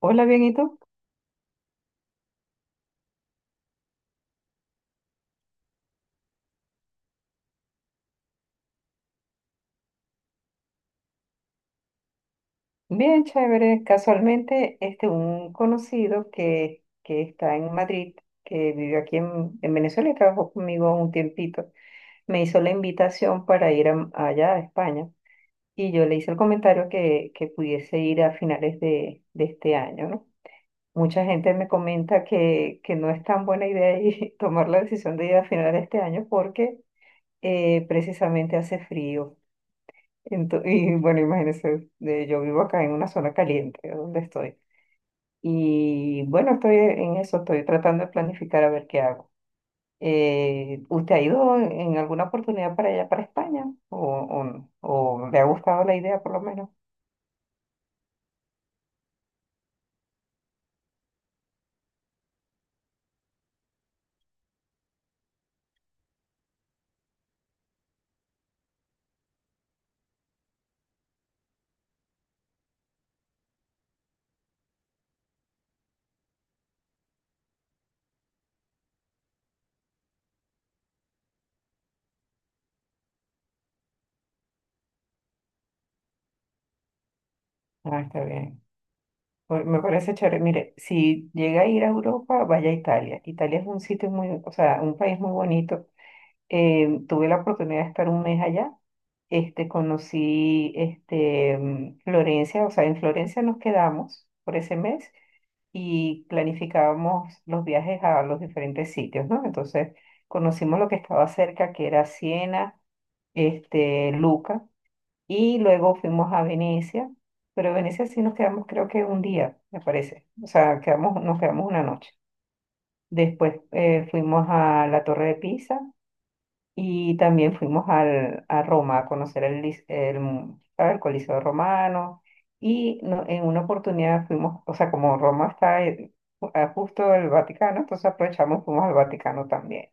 Hola, bien, ¿y tú? Bien, chévere. Casualmente, un conocido que está en Madrid, que vivió aquí en Venezuela y trabajó conmigo un tiempito, me hizo la invitación para allá a España. Y yo le hice el comentario que pudiese ir a finales de este año, ¿no? Mucha gente me comenta que no es tan buena idea tomar la decisión de ir a finales de este año porque precisamente hace frío. Y bueno, imagínense, yo vivo acá en una zona caliente, donde estoy. Y bueno, estoy en eso, estoy tratando de planificar a ver qué hago. ¿Usted ha ido en alguna oportunidad para allá, para España? O, no? ¿O le ha gustado la idea por lo menos? Ah, está bien. Pues, me parece chévere. Mire, si llega a ir a Europa, vaya a Italia. Italia es un sitio muy, o sea, un país muy bonito. Tuve la oportunidad de estar un mes allá. Conocí Florencia, o sea, en Florencia nos quedamos por ese mes y planificábamos los viajes a los diferentes sitios, ¿no? Entonces, conocimos lo que estaba cerca, que era Siena, Luca, y luego fuimos a Venecia, pero en Venecia sí nos quedamos creo que un día, me parece, o sea, nos quedamos una noche. Después fuimos a la Torre de Pisa y también fuimos a Roma a conocer el, lis- el, mu- ¿sabe? El Coliseo Romano. Y en una oportunidad fuimos, o sea, como Roma está justo el Vaticano, entonces aprovechamos y fuimos al Vaticano también.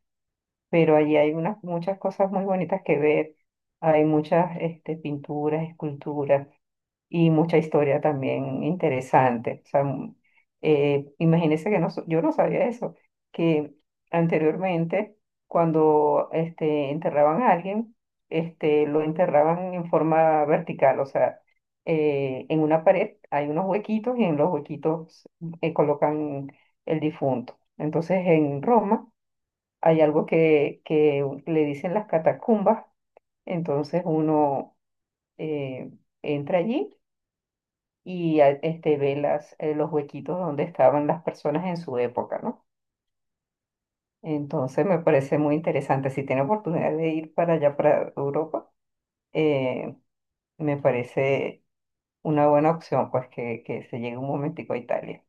Pero allí hay unas, muchas cosas muy bonitas que ver. Hay muchas pinturas, esculturas y mucha historia también interesante. O sea, imagínense que yo no sabía eso, que anteriormente cuando enterraban a alguien, lo enterraban en forma vertical, o sea, en una pared hay unos huequitos y en los huequitos colocan el difunto. Entonces en Roma hay algo que le dicen las catacumbas, entonces uno eh, entra allí y ve los huequitos donde estaban las personas en su época, ¿no? Entonces me parece muy interesante. Si tiene oportunidad de ir para allá, para Europa, eh, me parece una buena opción, pues que se llegue un momentico a Italia.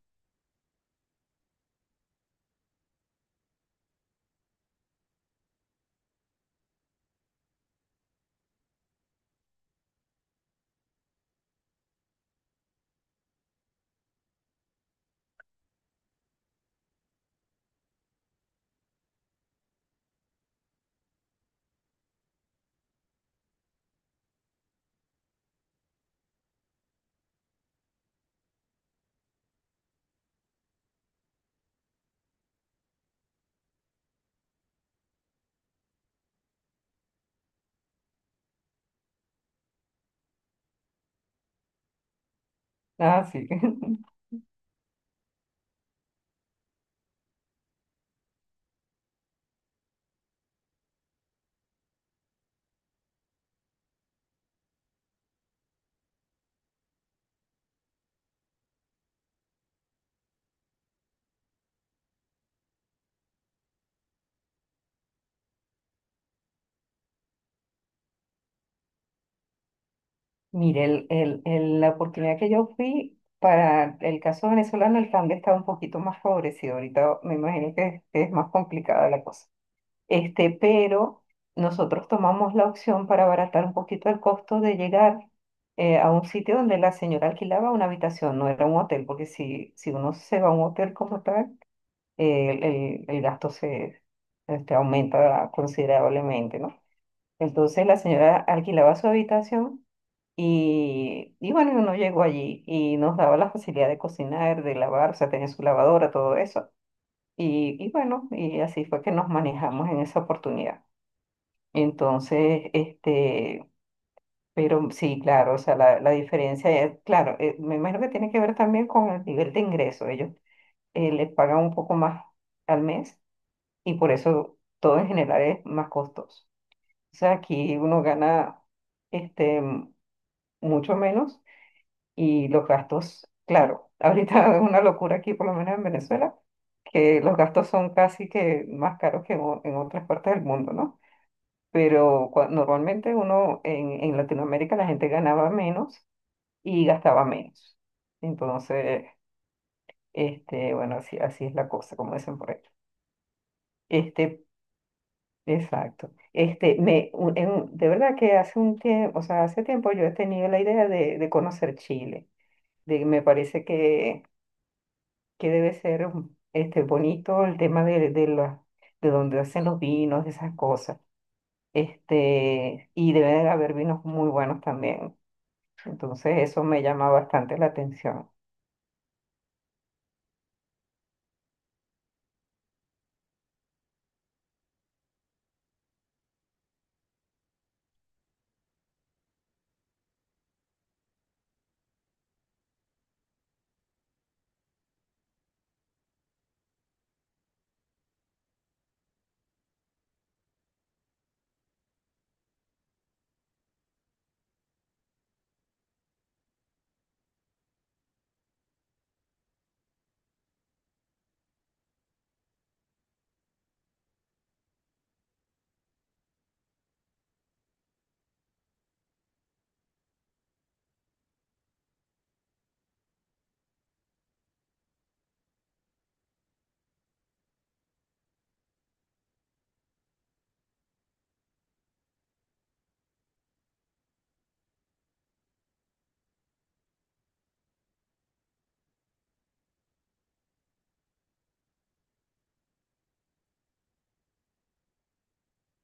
Ah, sí. Mire, la oportunidad que yo fui para el caso venezolano, el cambio estaba un poquito más favorecido. Ahorita me imagino que es más complicada la cosa. Pero nosotros tomamos la opción para abaratar un poquito el costo de llegar a un sitio donde la señora alquilaba una habitación, no era un hotel, porque si uno se va a un hotel como tal, el gasto se aumenta considerablemente, ¿no? Entonces la señora alquilaba su habitación y bueno, uno llegó allí y nos daba la facilidad de cocinar, de lavar, o sea, tenía su lavadora, todo eso. Y bueno, y así fue que nos manejamos en esa oportunidad. Entonces, pero sí, claro, o sea, la diferencia es, claro, me imagino que tiene que ver también con el nivel de ingreso. Ellos les pagan un poco más al mes y por eso todo en general es más costoso. O sea, aquí uno gana este, m- mucho menos y los gastos, claro, ahorita es una locura aquí, por lo menos en Venezuela, que los gastos son casi que más caros que en en otras partes del mundo, ¿no? Pero normalmente uno en Latinoamérica la gente ganaba menos y gastaba menos. Entonces, bueno, así es la cosa, como dicen por ahí. Este, exacto. De verdad que hace un tiempo, o sea, hace tiempo yo he tenido la idea de conocer Chile. Me parece que debe ser bonito el tema de donde hacen los vinos, esas cosas. Y debe de haber vinos muy buenos también. Entonces eso me llama bastante la atención.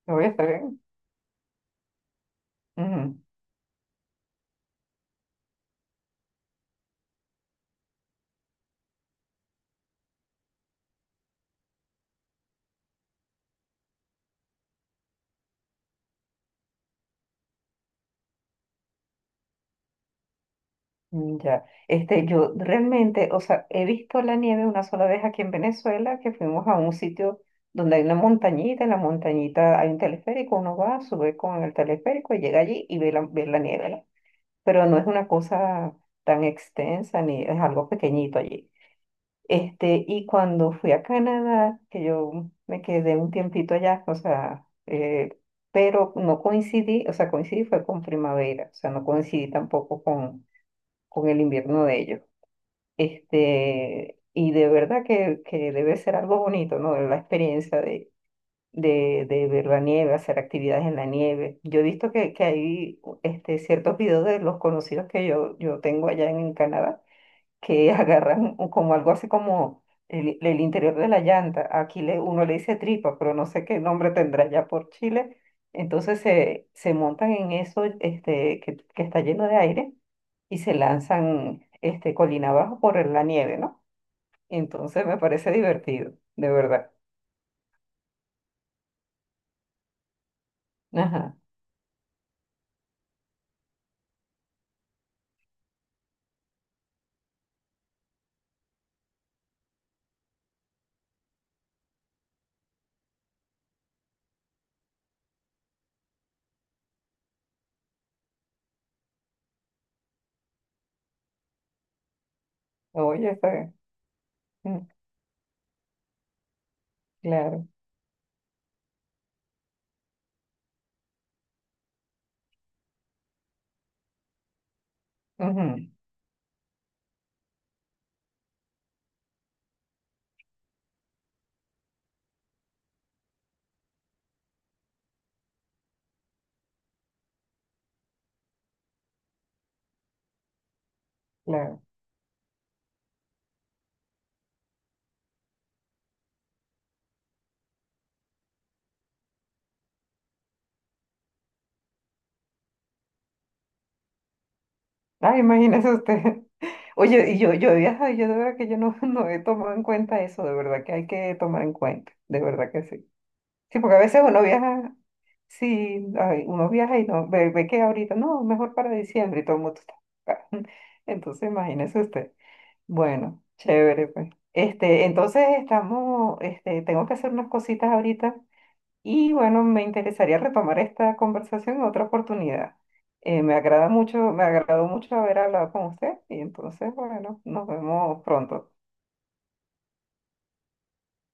¿No voy a estar bien? Ujú, mm, ya. Yo realmente, o sea, he visto la nieve una sola vez aquí en Venezuela, que fuimos a un sitio donde hay una montañita, en la montañita hay un teleférico, uno va, sube con el teleférico y llega allí y ve ve la nieve, ¿no? Pero no es una cosa tan extensa ni es algo pequeñito allí. Y cuando fui a Canadá, que yo me quedé un tiempito allá, o sea, pero no coincidí, o sea, coincidí fue con primavera, o sea, no coincidí tampoco con, con el invierno de ellos. Y de verdad que debe ser algo bonito, ¿no? La experiencia de ver la nieve, hacer actividades en la nieve. Yo he visto que hay ciertos videos de los conocidos que yo tengo allá en Canadá que agarran como algo así como el interior de la llanta. Aquí uno le dice tripa, pero no sé qué nombre tendrá ya por Chile. Entonces se montan en eso que está lleno de aire y se lanzan colina abajo por la nieve, ¿no? Entonces me parece divertido, de verdad. Ajá. Oye, está bien. Mm, claro. Ujú, claro. Ah, imagínese usted. Oye, y yo de verdad que yo no, no he tomado en cuenta eso, de verdad que hay que tomar en cuenta, de verdad que sí. Sí, porque a veces uno viaja, sí, ay, uno viaja y no, ve que ahorita, no, mejor para diciembre y todo el mundo está ocupado. Entonces, imagínese usted. Bueno, chévere, pues. Entonces estamos, tengo que hacer unas cositas ahorita. Y bueno, me interesaría retomar esta conversación en otra oportunidad. Me agradó mucho haber hablado con usted y entonces, bueno, nos vemos pronto.